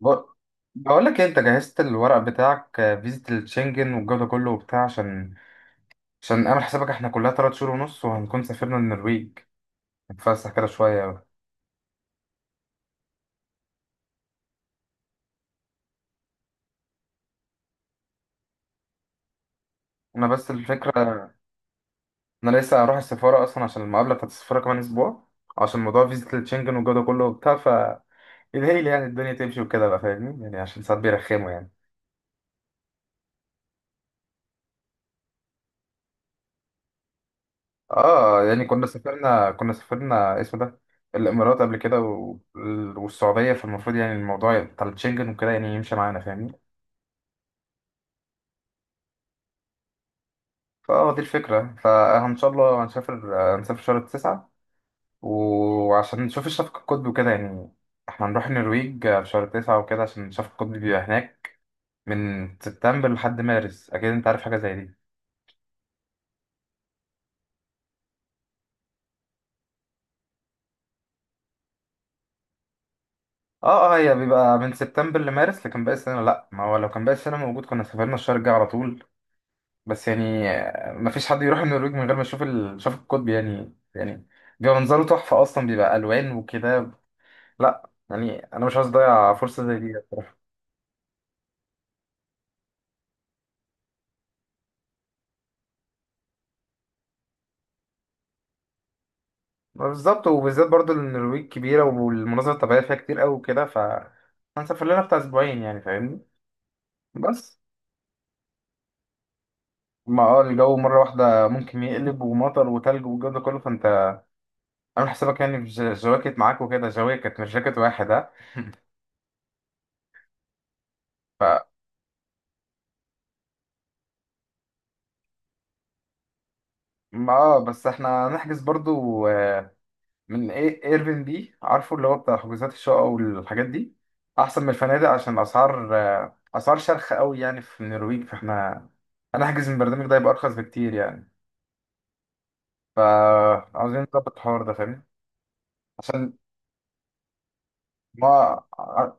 بق- بقول لك إيه، انت جهزت الورق بتاعك آه، فيزة الشنجن والجو ده كله وبتاع عشان اعمل حسابك، احنا كلها 3 شهور ونص وهنكون سافرنا النرويج نتفسح كده شوية بقى. انا بس الفكرة، انا لسه هروح السفارة اصلا عشان المقابلة بتاعت السفارة كمان اسبوع، عشان موضوع فيزة الشنجن والجو ده كله وبتاع ف الهيل، يعني الدنيا تمشي وكده بقى فاهمني، يعني عشان ساعات بيرخموا يعني. اه يعني كنا سافرنا اسمه ده الامارات قبل كده والسعودية، فالمفروض يعني الموضوع بتاع الشنجن وكده يعني يمشي معانا فاهمني. فاه دي الفكرة، فإن شاء الله هنسافر آه، هنسافر شهر 9، وعشان نشوف الشفق القطبي وكده يعني. احنا هنروح النرويج آه، في شهر 9 وكده عشان الشفق القطبي بيبقى هناك من سبتمبر لحد مارس، أكيد أنت عارف حاجة زي دي. اه اه هي بيبقى من سبتمبر لمارس لكن باقي السنة لأ، ما هو لو كان باقي السنة موجود كنا سافرنا الشهر الجاي على طول. بس يعني آه، مفيش حد يروح النرويج من غير ما يشوف الشفق القطبي يعني يعني بيبقى منظره تحفة، أصلا بيبقى ألوان وكده. لأ يعني أنا مش عايز أضيع فرصة زي دي. ما بالظبط، وبالذات برضو إن النرويج كبيرة والمناظر الطبيعية فيها كتير قوي وكده، ف هنسافر لنا بتاع أسبوعين يعني فاهمني. بس ما اه الجو مرة واحدة ممكن يقلب ومطر وتلج والجو ده كله، فأنت عامل حسابك يعني في جواكت معاك وكده، جواكت مش جاكيت واحد ها ما اه بس احنا هنحجز برضو آه، من ايه ايربن بي، عارفه اللي هو بتاع حجوزات الشقق والحاجات دي، احسن من الفنادق عشان الاسعار آه، اسعار شرخ قوي يعني في النرويج، فاحنا هنحجز من البرنامج ده يبقى ارخص بكتير يعني. فعاوزين نظبط الحوار ده فاهم، عشان ما ع-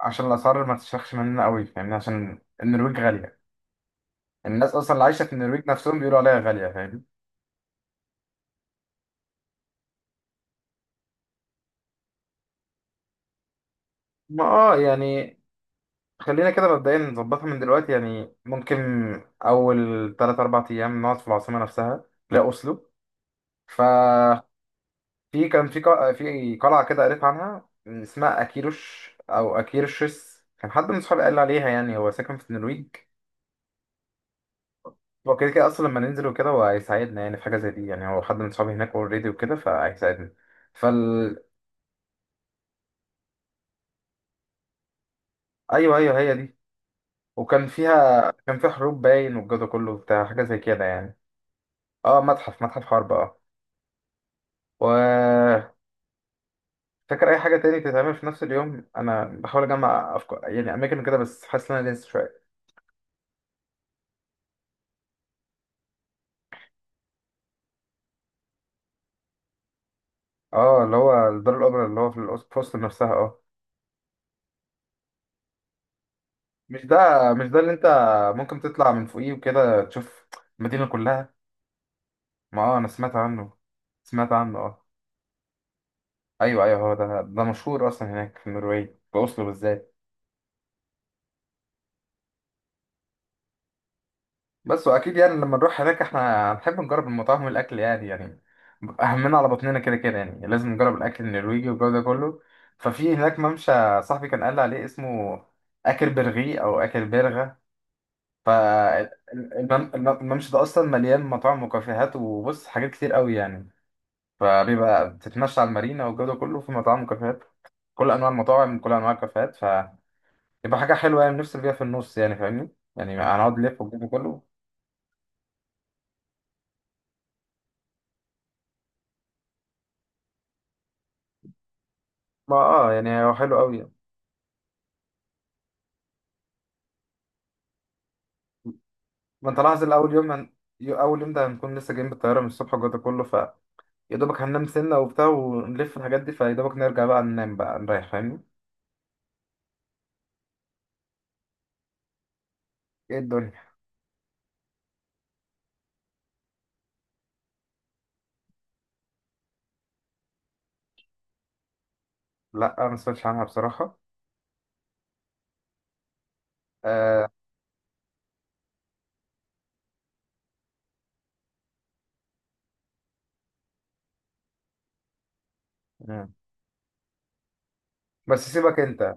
عشان الأسعار ما تشرخش مننا قوي فاهمني، عشان النرويج غالية. الناس أصلا اللي عايشة في النرويج نفسهم بيقولوا عليها غالية فاهم. ما اه يعني خلينا كده مبدئيا نظبطها من دلوقتي يعني، ممكن أول 3 أو 4 أيام نقعد في العاصمة نفسها، لا أوسلو. ففي كان في قلعة كده قريت عنها اسمها أكيروش أو أكيرشس، كان حد من صحابي قال لي عليها يعني، هو ساكن في النرويج. هو كده كده اصلا لما ننزل وكده هو هيساعدنا يعني في حاجه زي دي، يعني هو حد من صحابي هناك اوريدي وكده فهيساعدنا. فال ايوه ايوه هي دي. وكان فيها كان فيها حروب باين والجو ده كله بتاع، حاجه زي كده يعني. اه، متحف حرب اه. و فاكر اي حاجه تاني تتعمل في نفس اليوم، انا بحاول اجمع افكار يعني اماكن كده، بس حاسس ان انا لسه شويه. اه اللي هو الدار الاوبرا اللي هو في في وسط نفسها اه. مش ده مش ده اللي انت، ممكن تطلع من فوقيه وكده تشوف المدينه كلها. ما اه انا سمعت عنه اه. ايوه ايوه هو ده، ده مشهور اصلا هناك في النرويج في اوسلو بالذات. بس واكيد يعني لما نروح هناك احنا هنحب نجرب المطاعم والاكل يعني يعني اهمنا على بطننا كده كده يعني، لازم نجرب الاكل النرويجي والجو ده كله. ففي هناك ممشى، صاحبي كان قال لي عليه اسمه اكل برغي او اكل برغة، فالممشى ده اصلا مليان مطاعم وكافيهات وبص حاجات كتير قوي يعني. فبيبقى بتتمشى على المارينا والجو ده كله، في مطاعم وكافيهات، كل انواع المطاعم، كل انواع الكافيهات، يبقى حاجة حلوة يعني نفصل بيها في النص يعني فاهمني. يعني هنقعد نلف والجو ده كله. ما اه يعني هو حلو قوي يعني. ما انت لاحظ الأول يوم هن... أول يوم ده هنكون لسه جايين بالطيارة من الصبح والجو ده كله، فيا دوبك هننام سنة وبتاع ونلف الحاجات دي، فيا دوبك نرجع بقى ننام بقى نريح فاهمني. ايه الدنيا. لا أنا ما سمعتش عنها بصراحة آه... مم. بس سيبك انت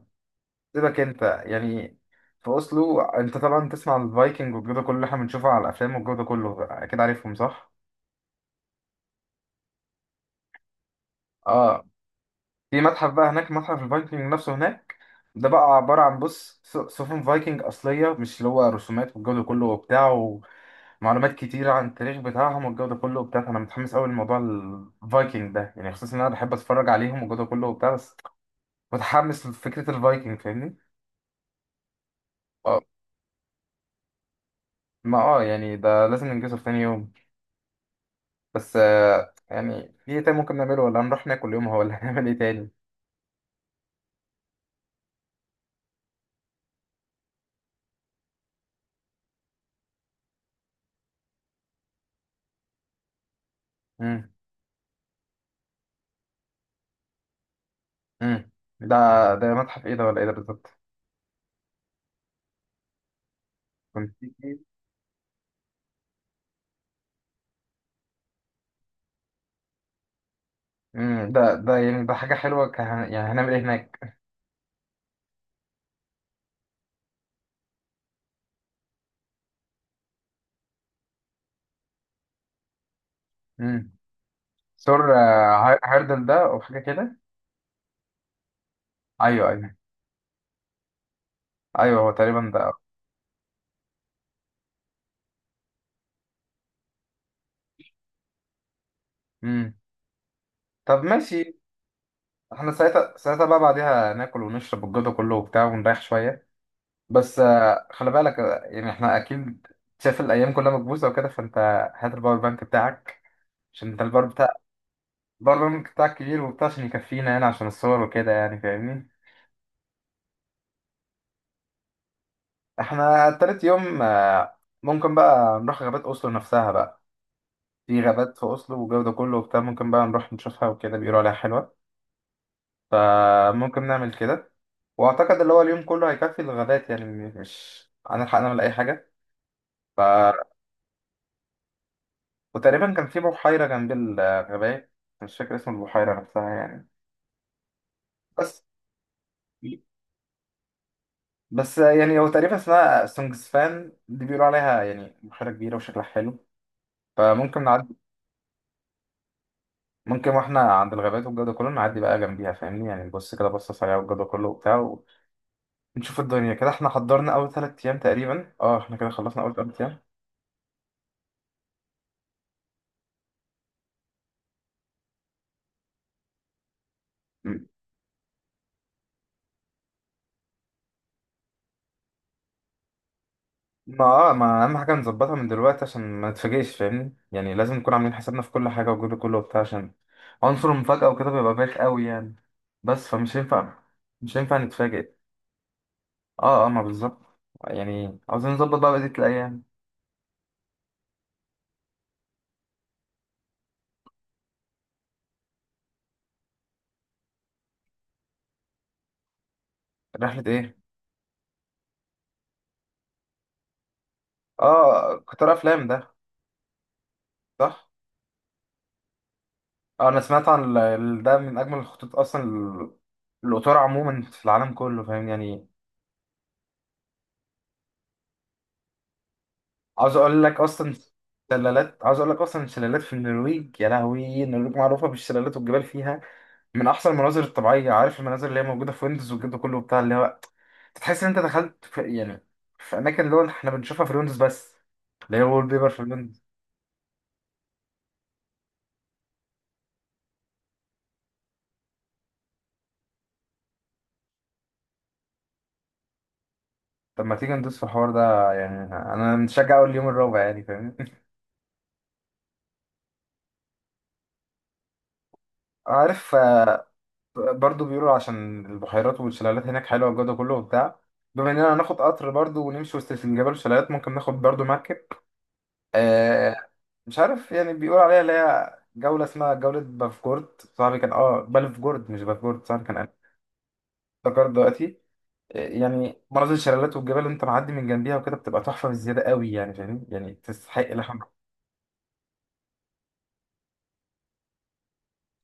سيبك انت يعني. في أوسلو انت طبعا تسمع الفايكنج والجو ده كله اللي احنا بنشوفه على الأفلام والجو ده كله، أكيد عارفهم صح؟ اه في متحف بقى هناك، متحف الفايكنج نفسه هناك، ده بقى عبارة عن بص سفن فايكنج أصلية مش اللي هو رسومات والجو ده كله وبتاع، ومعلومات كتيرة عن التاريخ بتاعهم والجو ده كله وبتاع، فأنا متحمس أوي لموضوع الفايكنج ده يعني، خصوصا إن أنا بحب أتفرج عليهم والجو ده كله وبتاع، بس متحمس لفكرة الفايكنج فاهمني؟ اه ما اه يعني ده لازم ننجزه في تاني يوم. بس آه، يعني في إيه تاني ممكن نعمله، ولا هنروح ناكل يومها، ولا هنعمل إيه تاني؟ مم. مم. ده ده متحف إيه ده ولا إيه ده بالظبط؟ كنت امم. ده يعني ده حاجة حلوة ك... يعني هنعمل ايه هناك؟ امم سور هيردل ده او حاجة كده؟ ايوه ايوه، ايوه هو تقريبا ده. امم طب ماشي. احنا ساعتها بقى بعديها ناكل ونشرب الجو ده كله وبتاع ونريح شوية. بس آه، خلي بالك آه، يعني احنا اكيد شايف الايام كلها مكبوسة وكده، فانت هات الباور بانك بتاعك، عشان انت الباور بتاع الباور بانك بتاعك كبير وبتاع عشان يكفينا هنا عشان الصور وكده يعني فاهمني؟ احنا تالت يوم آه، ممكن بقى نروح غابات اوسلو نفسها بقى، في غابات في أصله والجو ده كله وبتاع، ممكن بقى نروح نشوفها وكده بيقولوا عليها حلوة، فممكن نعمل كده. وأعتقد اللي هو اليوم كله هيكفي الغابات يعني، مش هنلحق نعمل أي حاجة ف... وتقريبا كان في بحيرة جنب الغابات، مش فاكر اسم البحيرة نفسها يعني، بس بس يعني هو تقريبا اسمها سونجسفان دي، بيقولوا عليها يعني بحيرة كبيرة وشكلها حلو، فممكن نعدي ممكن واحنا عند الغابات والجو ده كله نعدي بقى جنبيها فاهمني، يعني نبص كده بصة سريعة والجو ده كله وبتاع نشوف الدنيا كده. احنا حضرنا اول 3 ايام تقريبا، اه احنا كده خلصنا اول 3 ايام. م- ما اه ما اهم حاجه نظبطها من دلوقتي عشان ما نتفاجئش فاهمني، يعني لازم نكون عاملين حسابنا في كل حاجه وجود كله وبتاع، عشان عنصر المفاجاه وكده بيبقى بايخ قوي يعني. بس فمش ينفع، مش ينفع نتفاجئ. اه اه ما بالظبط، يعني عاوزين نظبط بقى بقيه الايام. رحله ايه. اه قطار افلام ده صح. اه انا سمعت عن ده من اجمل الخطوط اصلا القطار عموما في العالم كله فاهم يعني. عاوز اقول لك اصلا، شلالات عاوز اقول لك اصلا الشلالات في النرويج يا لهوي، النرويج معروفه بالشلالات والجبال فيها من احسن المناظر الطبيعيه، عارف المناظر اللي هي موجوده في ويندوز والجو ده كله بتاع اللي هو تحس ان انت دخلت في يعني في اماكن اللي هو احنا بنشوفها في ويندوز بس، اللي هي وول بيبر في ويندوز. طب ما تيجي ندوس في الحوار ده يعني، انا متشجع اول يوم الرابع يعني فاهمني. عارف آه، برضو بيقولوا عشان البحيرات والشلالات هناك حلوه والجو ده كله وبتاع، بما اننا هناخد قطر برضو ونمشي وسط الجبال والشلالات ممكن ناخد برضو مركب آه، مش عارف يعني بيقول عليها اللي هي جولة اسمها جولة بافجورد، صاحبي كان اه بلفجورد مش بافجورد صاحبي كان قال، افتكرت دلوقتي. إيه، يعني مناظر الشلالات والجبال اللي انت معدي من جنبيها وكده بتبقى تحفة بزيادة قوي يعني فاهمني، يعني تستحق لحم.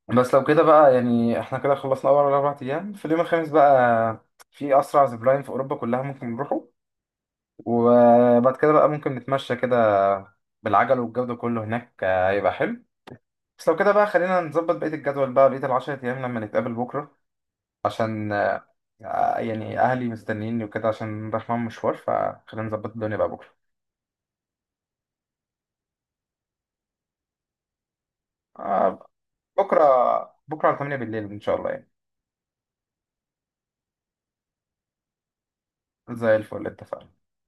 بس لو كده بقى يعني احنا كده خلصنا اول 4 ايام، في اليوم الـ5 بقى في اسرع زيب لاين في اوروبا كلها ممكن نروحه، وبعد كده بقى ممكن نتمشى كده بالعجل والجو ده كله هناك آه، هيبقى حلو. بس لو كده بقى خلينا نظبط بقية الجدول بقى بقية الـ10 أيام لما نتقابل بكرة، عشان آه، يعني اهلي مستنيني وكده عشان رايح معاهم مشوار، فخلينا نظبط الدنيا بقى بكره. آه، بكره، بكره على 8 بالليل ان شاء الله يعني. زي الفل اتفقنا.